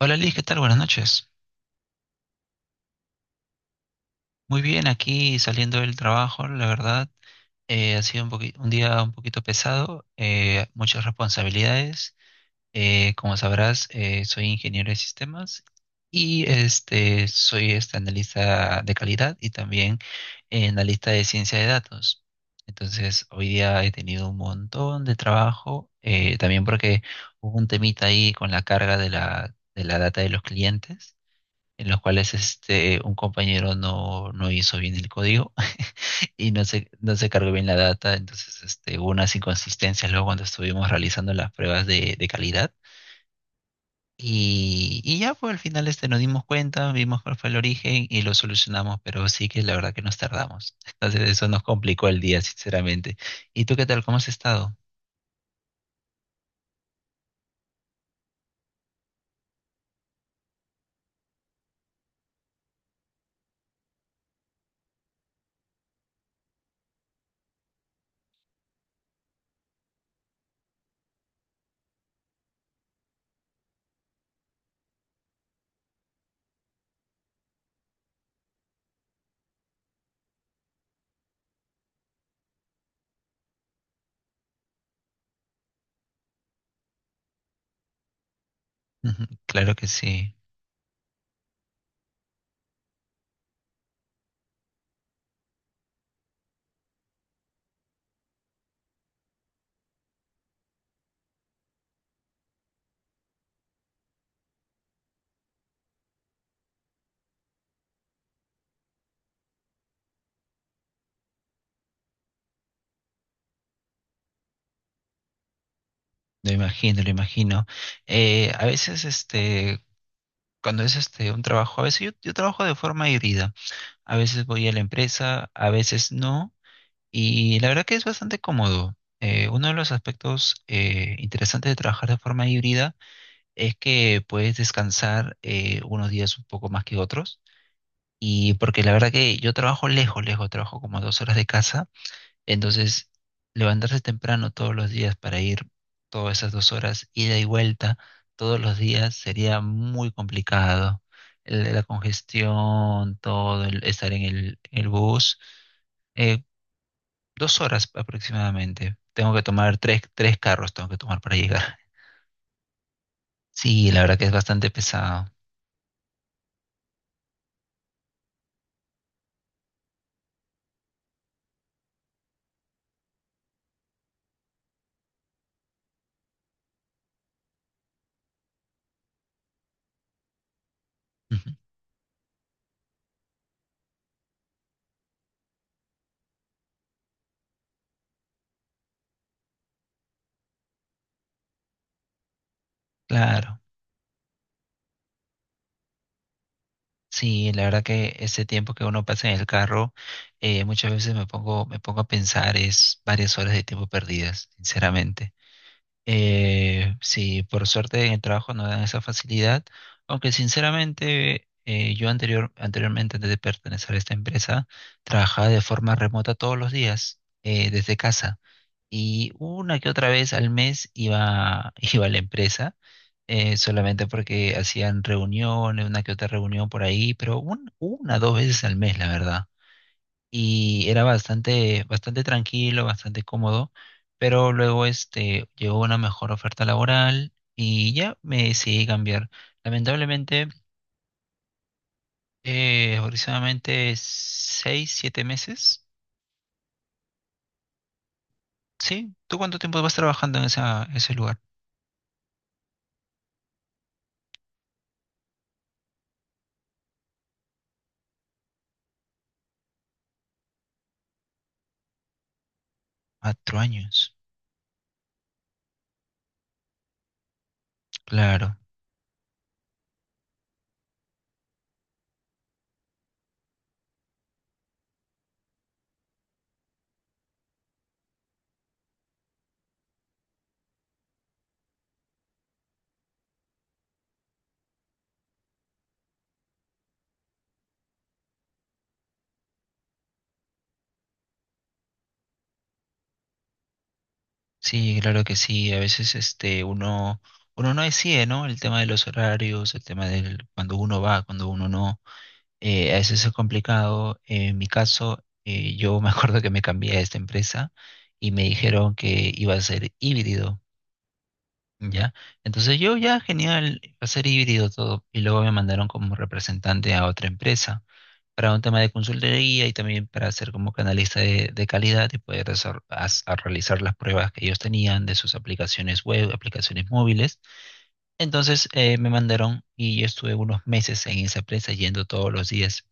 Hola Liz, ¿qué tal? Buenas noches. Muy bien, aquí saliendo del trabajo, la verdad, ha sido un día un poquito pesado, muchas responsabilidades. Como sabrás, soy ingeniero de sistemas y soy analista de calidad y también analista de ciencia de datos. Entonces, hoy día he tenido un montón de trabajo, también porque hubo un temita ahí con la carga de la data de los clientes. En los cuales un compañero no hizo bien el código y no se cargó bien la data, entonces hubo unas inconsistencias luego cuando estuvimos realizando las pruebas de calidad. Y ya, pues al final nos dimos cuenta, vimos cuál fue el origen y lo solucionamos, pero sí que la verdad que nos tardamos. Entonces eso nos complicó el día, sinceramente. ¿Y tú qué tal? ¿Cómo has estado? Ujú. Claro que sí, lo imagino, lo imagino. Eh, a veces este, Cuando es un trabajo, a veces yo trabajo de forma híbrida. A veces voy a la empresa, a veces no. Y la verdad que es bastante cómodo. Uno de los aspectos interesantes de trabajar de forma híbrida es que puedes descansar unos días un poco más que otros. Y porque la verdad que yo trabajo lejos, lejos, trabajo como a dos horas de casa. Entonces, levantarse temprano todos los días para ir todas esas dos horas, ida y vuelta, todos los días sería muy complicado. La congestión, todo, el estar en en el bus, eh, dos horas aproximadamente. Tengo que tomar tres carros, tengo que tomar para llegar. Sí, la verdad que es bastante pesado. Ujú. Claro. Sí, la verdad que ese tiempo que uno pasa en el carro, muchas veces me pongo a pensar, es varias horas de tiempo perdidas, sinceramente. Sí, por suerte en el trabajo no dan esa facilidad, aunque sinceramente yo anteriormente, antes de pertenecer a esta empresa, trabajaba de forma remota todos los días desde casa y una que otra vez al mes iba a la empresa solamente porque hacían reuniones, una que otra reunión por ahí, pero dos veces al mes, la verdad y era bastante, bastante tranquilo, bastante cómodo, pero luego llegó una mejor oferta laboral y ya me decidí cambiar. Lamentablemente, aproximadamente seis, siete meses. Sí, ¿tú cuánto tiempo vas trabajando en ese lugar? Cuatro años. Claro, sí, claro que sí. A veces uno no decide, ¿no? El tema de los horarios, el tema del cuando uno va, cuando uno no. A veces es complicado. En mi caso, yo me acuerdo que me cambié a esta empresa y me dijeron que iba a ser híbrido, ¿ya? Entonces yo ya, genial, va a ser híbrido todo. Y luego me mandaron como representante a otra empresa para un tema de consultoría y también para ser como canalista de calidad y poder desar- as- a realizar las pruebas que ellos tenían de sus aplicaciones web, aplicaciones móviles. Entonces me mandaron y yo estuve unos meses en esa empresa yendo todos los días,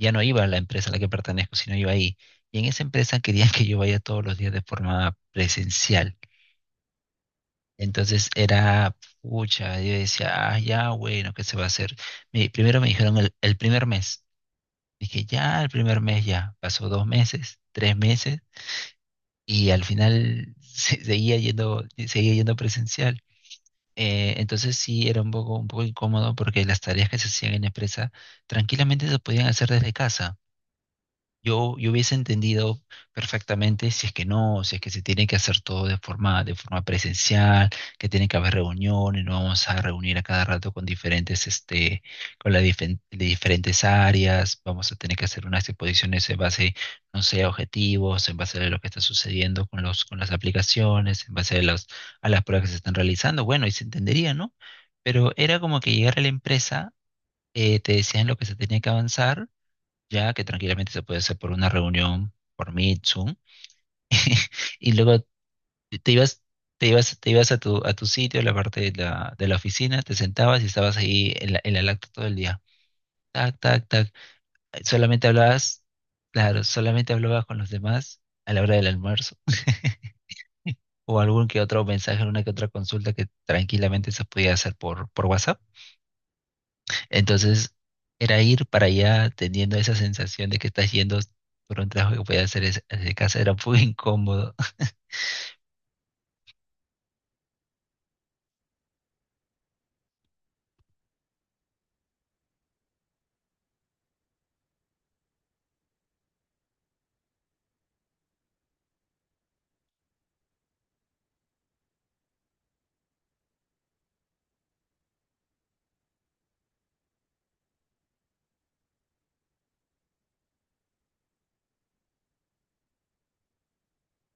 ya no iba a la empresa a la que pertenezco, sino iba ahí. Y en esa empresa querían que yo vaya todos los días de forma presencial. Entonces era pucha, yo decía, ah, ya, bueno, ¿qué se va a hacer? Primero me dijeron el primer mes. Dije, ya, el primer mes ya. Pasó dos meses, tres meses, y al final seguía seguía yendo presencial. Entonces sí era un poco incómodo porque las tareas que se hacían en la empresa tranquilamente se podían hacer desde casa. Yo hubiese entendido perfectamente si es que no, si es que se tiene que hacer todo de forma presencial, que tiene que haber reuniones, nos vamos a reunir a cada rato con diferentes, con las difen- de diferentes áreas, vamos a tener que hacer unas exposiciones en base, no sé, a objetivos, en base a lo que está sucediendo con con las aplicaciones, en base a a las pruebas que se están realizando. Bueno, y se entendería, ¿no? Pero era como que llegar a la empresa, te decían lo que se tenía que avanzar ya que tranquilamente se puede hacer por una reunión, por Meet, Zoom, y luego te te ibas a a tu sitio, a la parte de la oficina, te sentabas y estabas ahí en en la lacta todo el día. Tac, tac, tac. Solamente hablabas, claro, solamente hablabas con los demás a la hora del almuerzo. O algún que otro mensaje, una que otra consulta que tranquilamente se podía hacer por WhatsApp. Entonces, era ir para allá teniendo esa sensación de que estás yendo por un trabajo que podías hacer desde casa, era muy incómodo.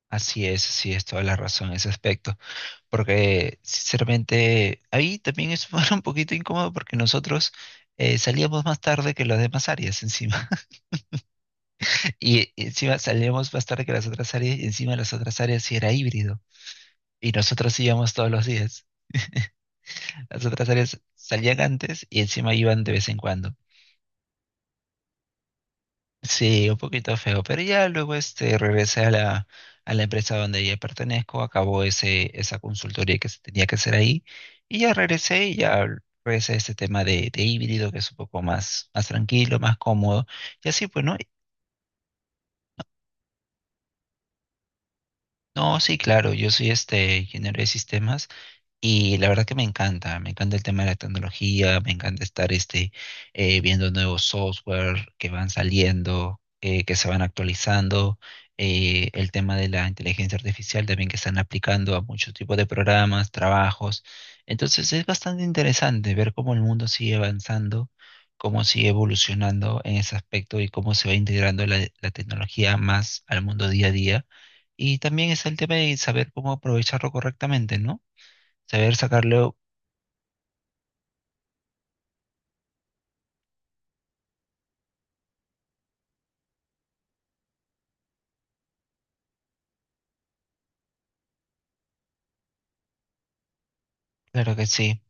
Así es, sí, es toda la razón en ese aspecto, porque sinceramente ahí también es un poquito incómodo porque nosotros salíamos más tarde que las demás áreas encima, y encima salíamos más tarde que las otras áreas, y encima las otras áreas sí era híbrido, y nosotros íbamos todos los días. Las otras áreas salían antes y encima iban de vez en cuando. Sí, un poquito feo, pero ya luego regresé a a la empresa donde ya pertenezco, acabó esa consultoría que se tenía que hacer ahí y ya regresé a este tema de híbrido que es más tranquilo, más cómodo. Y así, pues, ¿no? No, sí, claro, yo soy ingeniero de sistemas. Y la verdad que me encanta el tema de la tecnología, me encanta estar viendo nuevos software que van saliendo, que se van actualizando, el tema de la inteligencia artificial también que están aplicando a muchos tipos de programas, trabajos. Entonces es bastante interesante ver cómo el mundo sigue avanzando, cómo sigue evolucionando en ese aspecto y cómo se va integrando la tecnología más al mundo día a día. Y también es el tema de saber cómo aprovecharlo correctamente, ¿no? Saber sacarlo, claro que sí,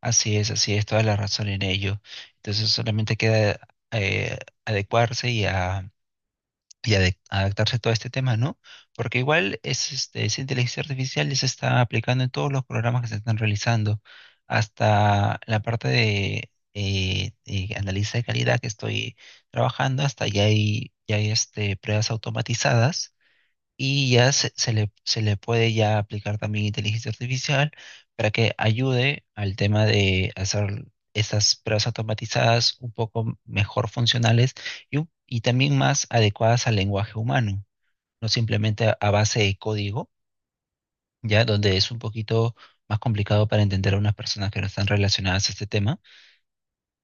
así es, toda la razón en ello. Entonces solamente queda eh, adecuarse y adaptarse a todo este tema, ¿no? Porque igual es, esa inteligencia artificial ya se está aplicando en todos los programas que se están realizando, hasta la parte de análisis de calidad que estoy trabajando, hasta ya hay pruebas automatizadas y se le puede ya aplicar también inteligencia artificial para que ayude al tema de hacer estas pruebas automatizadas un poco mejor funcionales y también más adecuadas al lenguaje humano, no simplemente a base de código, ya donde es un poquito más complicado para entender a unas personas que no están relacionadas a este tema,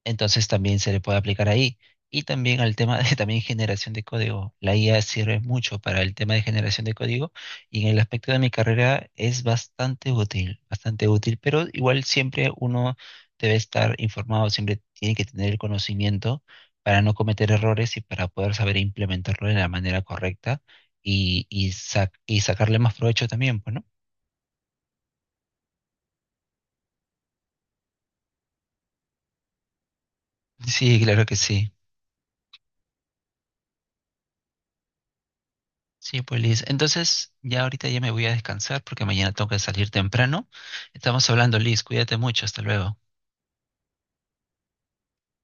entonces también se le puede aplicar ahí. Y también al tema de también generación de código. La IA sirve mucho para el tema de generación de código y en el aspecto de mi carrera es bastante útil, pero igual siempre uno debe estar informado, siempre tiene que tener el conocimiento para no cometer errores y para poder saber implementarlo de la manera correcta y sacarle más provecho también, pues, ¿no? Sí, claro que sí. Sí, pues Liz. Entonces, ya ahorita ya me voy a descansar porque mañana tengo que salir temprano. Estamos hablando, Liz. Cuídate mucho. Hasta luego.